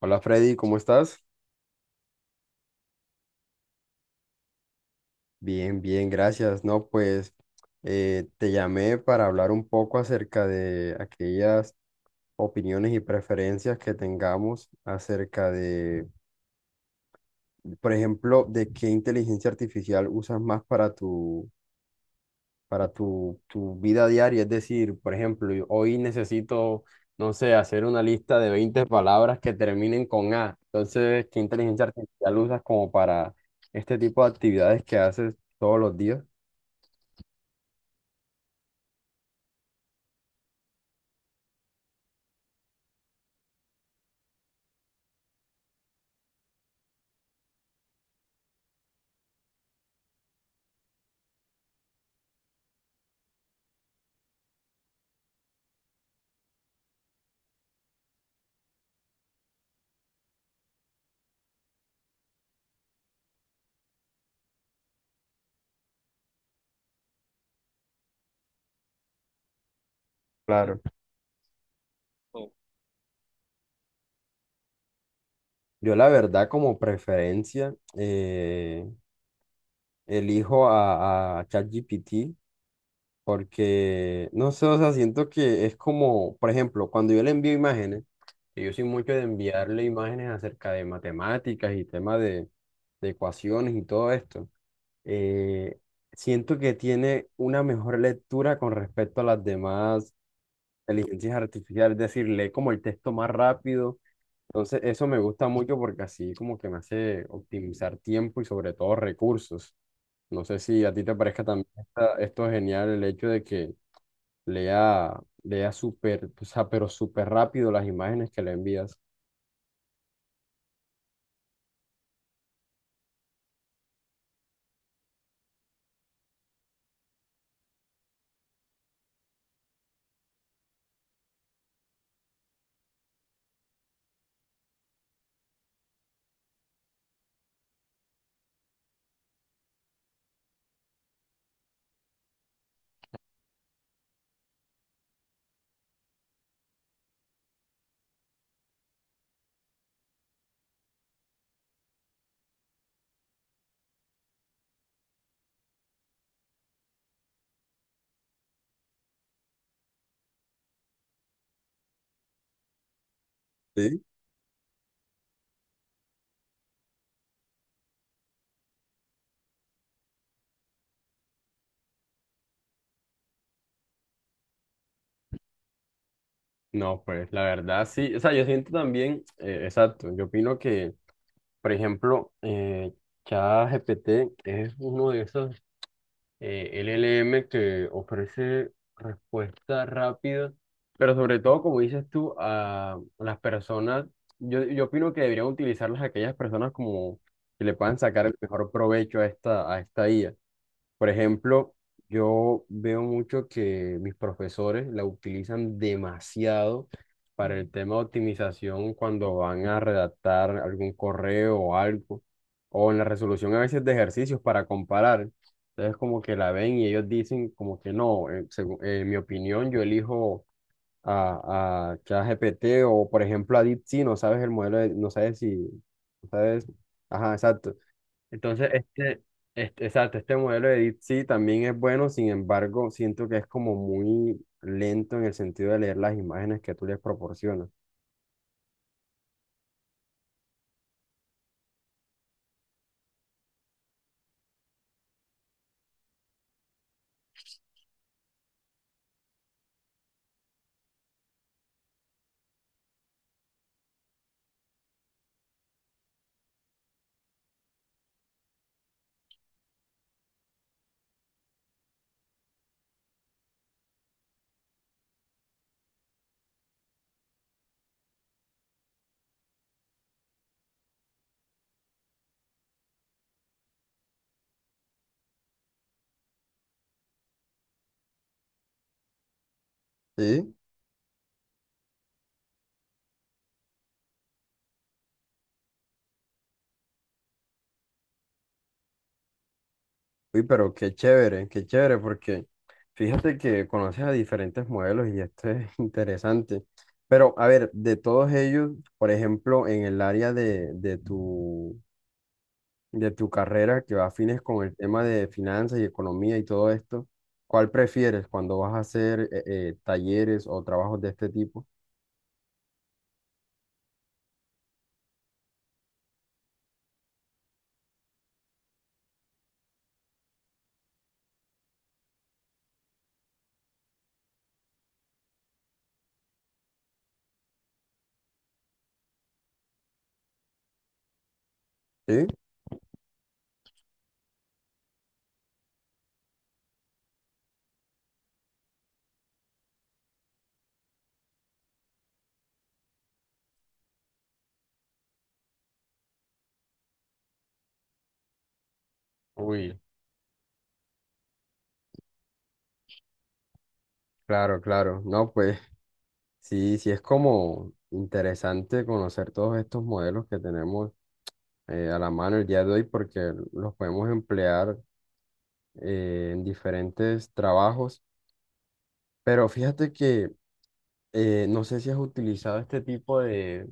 Hola Freddy, ¿cómo estás? Bien, bien, gracias. No, pues te llamé para hablar un poco acerca de aquellas opiniones y preferencias que tengamos acerca de, por ejemplo, de qué inteligencia artificial usas más para tu vida diaria. Es decir, por ejemplo, yo hoy necesito, no sé, hacer una lista de 20 palabras que terminen con A. Entonces, ¿qué inteligencia artificial usas como para este tipo de actividades que haces todos los días? Claro. Oh, yo la verdad como preferencia elijo a ChatGPT porque, no sé, o sea, siento que es como, por ejemplo, cuando yo le envío imágenes, que yo soy mucho de enviarle imágenes acerca de matemáticas y temas de ecuaciones y todo esto, eh, siento que tiene una mejor lectura con respecto a las demás inteligencias artificiales, es decir, lee como el texto más rápido. Entonces, eso me gusta mucho porque así como que me hace optimizar tiempo y sobre todo recursos. No sé si a ti te parezca también esto genial, el hecho de que lea, lea súper, o sea, pero súper rápido las imágenes que le envías. Sí. No, pues la verdad sí. O sea, yo siento también, exacto, yo opino que, por ejemplo, ChatGPT es uno de esos LLM que ofrece respuesta rápida, pero sobre todo, como dices tú, a las personas, yo opino que deberían utilizarlas aquellas personas como que le puedan sacar el mejor provecho a esta IA. Por ejemplo, yo veo mucho que mis profesores la utilizan demasiado para el tema de optimización cuando van a redactar algún correo o algo, o en la resolución a veces de ejercicios para comparar. Entonces como que la ven y ellos dicen como que no, en mi opinión yo elijo a ChatGPT o por ejemplo a DeepSeek, no sabes el modelo, no sabes si, no sabes, ajá, exacto. Entonces, exacto, este modelo de DeepSeek también es bueno, sin embargo, siento que es como muy lento en el sentido de leer las imágenes que tú les proporcionas. Sí. Uy, pero qué chévere, porque fíjate que conoces a diferentes modelos y esto es interesante. Pero, a ver, de todos ellos, por ejemplo, en el área de tu carrera que va afines con el tema de finanzas y economía y todo esto, ¿cuál prefieres cuando vas a hacer talleres o trabajos de este tipo? ¿Sí? Uy, claro, claro. No, pues sí, sí es como interesante conocer todos estos modelos que tenemos a la mano el día de hoy porque los podemos emplear en diferentes trabajos. Pero fíjate que no sé si has utilizado este tipo de.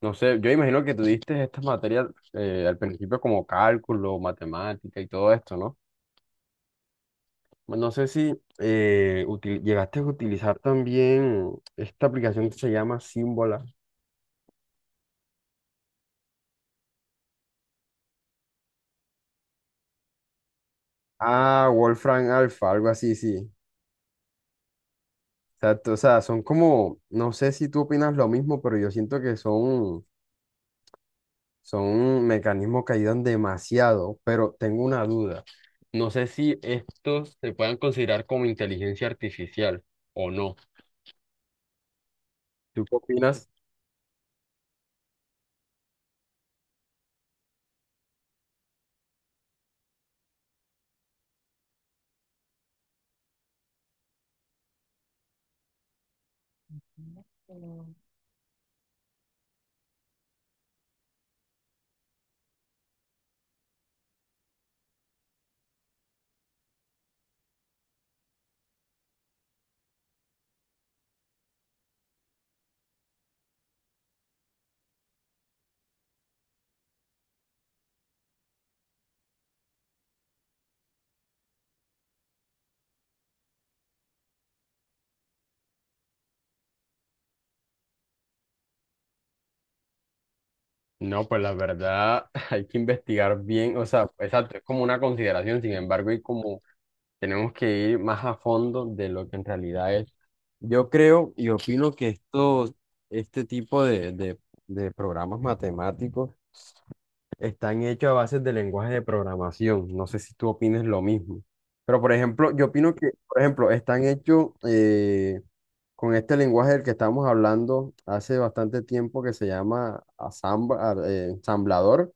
No sé, yo imagino que tú diste estas materias al principio como cálculo, matemática y todo esto, ¿no? No sé si llegaste a utilizar también esta aplicación que se llama Symbola. Ah, Wolfram Alpha, algo así, sí. Exacto, o sea, son como, no sé si tú opinas lo mismo, pero yo siento que son mecanismos que ayudan demasiado, pero tengo una duda. No sé si estos se puedan considerar como inteligencia artificial o no. ¿Tú qué opinas? No, pues la verdad hay que investigar bien, o sea, exacto, es como una consideración, sin embargo, y como tenemos que ir más a fondo de lo que en realidad es. Yo creo y opino que esto, este tipo de programas matemáticos están hechos a bases de lenguaje de programación. No sé si tú opines lo mismo. Pero, por ejemplo, yo opino que, por ejemplo, están hechos con este lenguaje del que estamos hablando hace bastante tiempo que se llama ensamblador,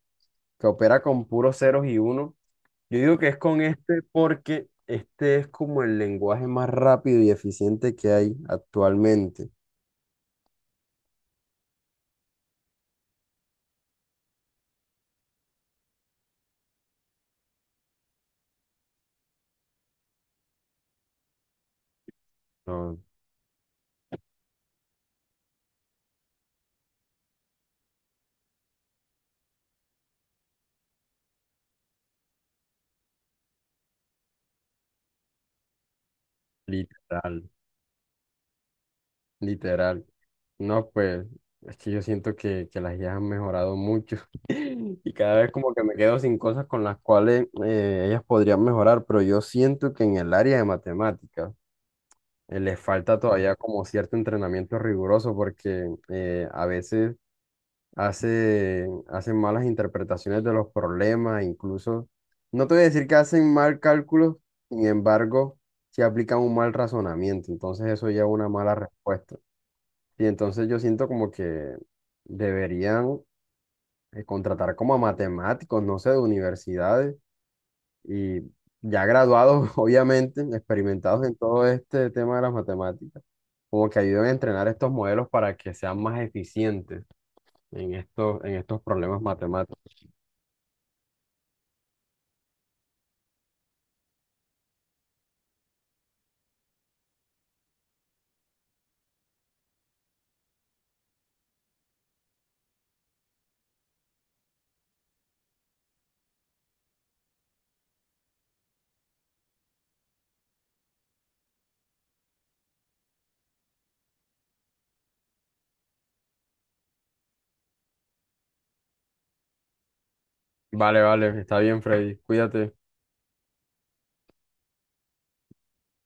que opera con puros ceros y unos. Yo digo que es con este porque este es como el lenguaje más rápido y eficiente que hay actualmente. No, literal, literal. No, pues es que yo siento que las IAs han mejorado mucho y cada vez como que me quedo sin cosas con las cuales ellas podrían mejorar, pero yo siento que en el área de matemáticas les falta todavía como cierto entrenamiento riguroso porque a veces hacen malas interpretaciones de los problemas, incluso, no te voy a decir que hacen mal cálculos, sin embargo, si aplican un mal razonamiento, entonces eso lleva a una mala respuesta. Y entonces yo siento como que deberían contratar como a matemáticos, no sé, de universidades y ya graduados, obviamente, experimentados en todo este tema de las matemáticas, como que ayuden a entrenar estos modelos para que sean más eficientes en estos problemas matemáticos. Vale, vale, está bien, Freddy, cuídate.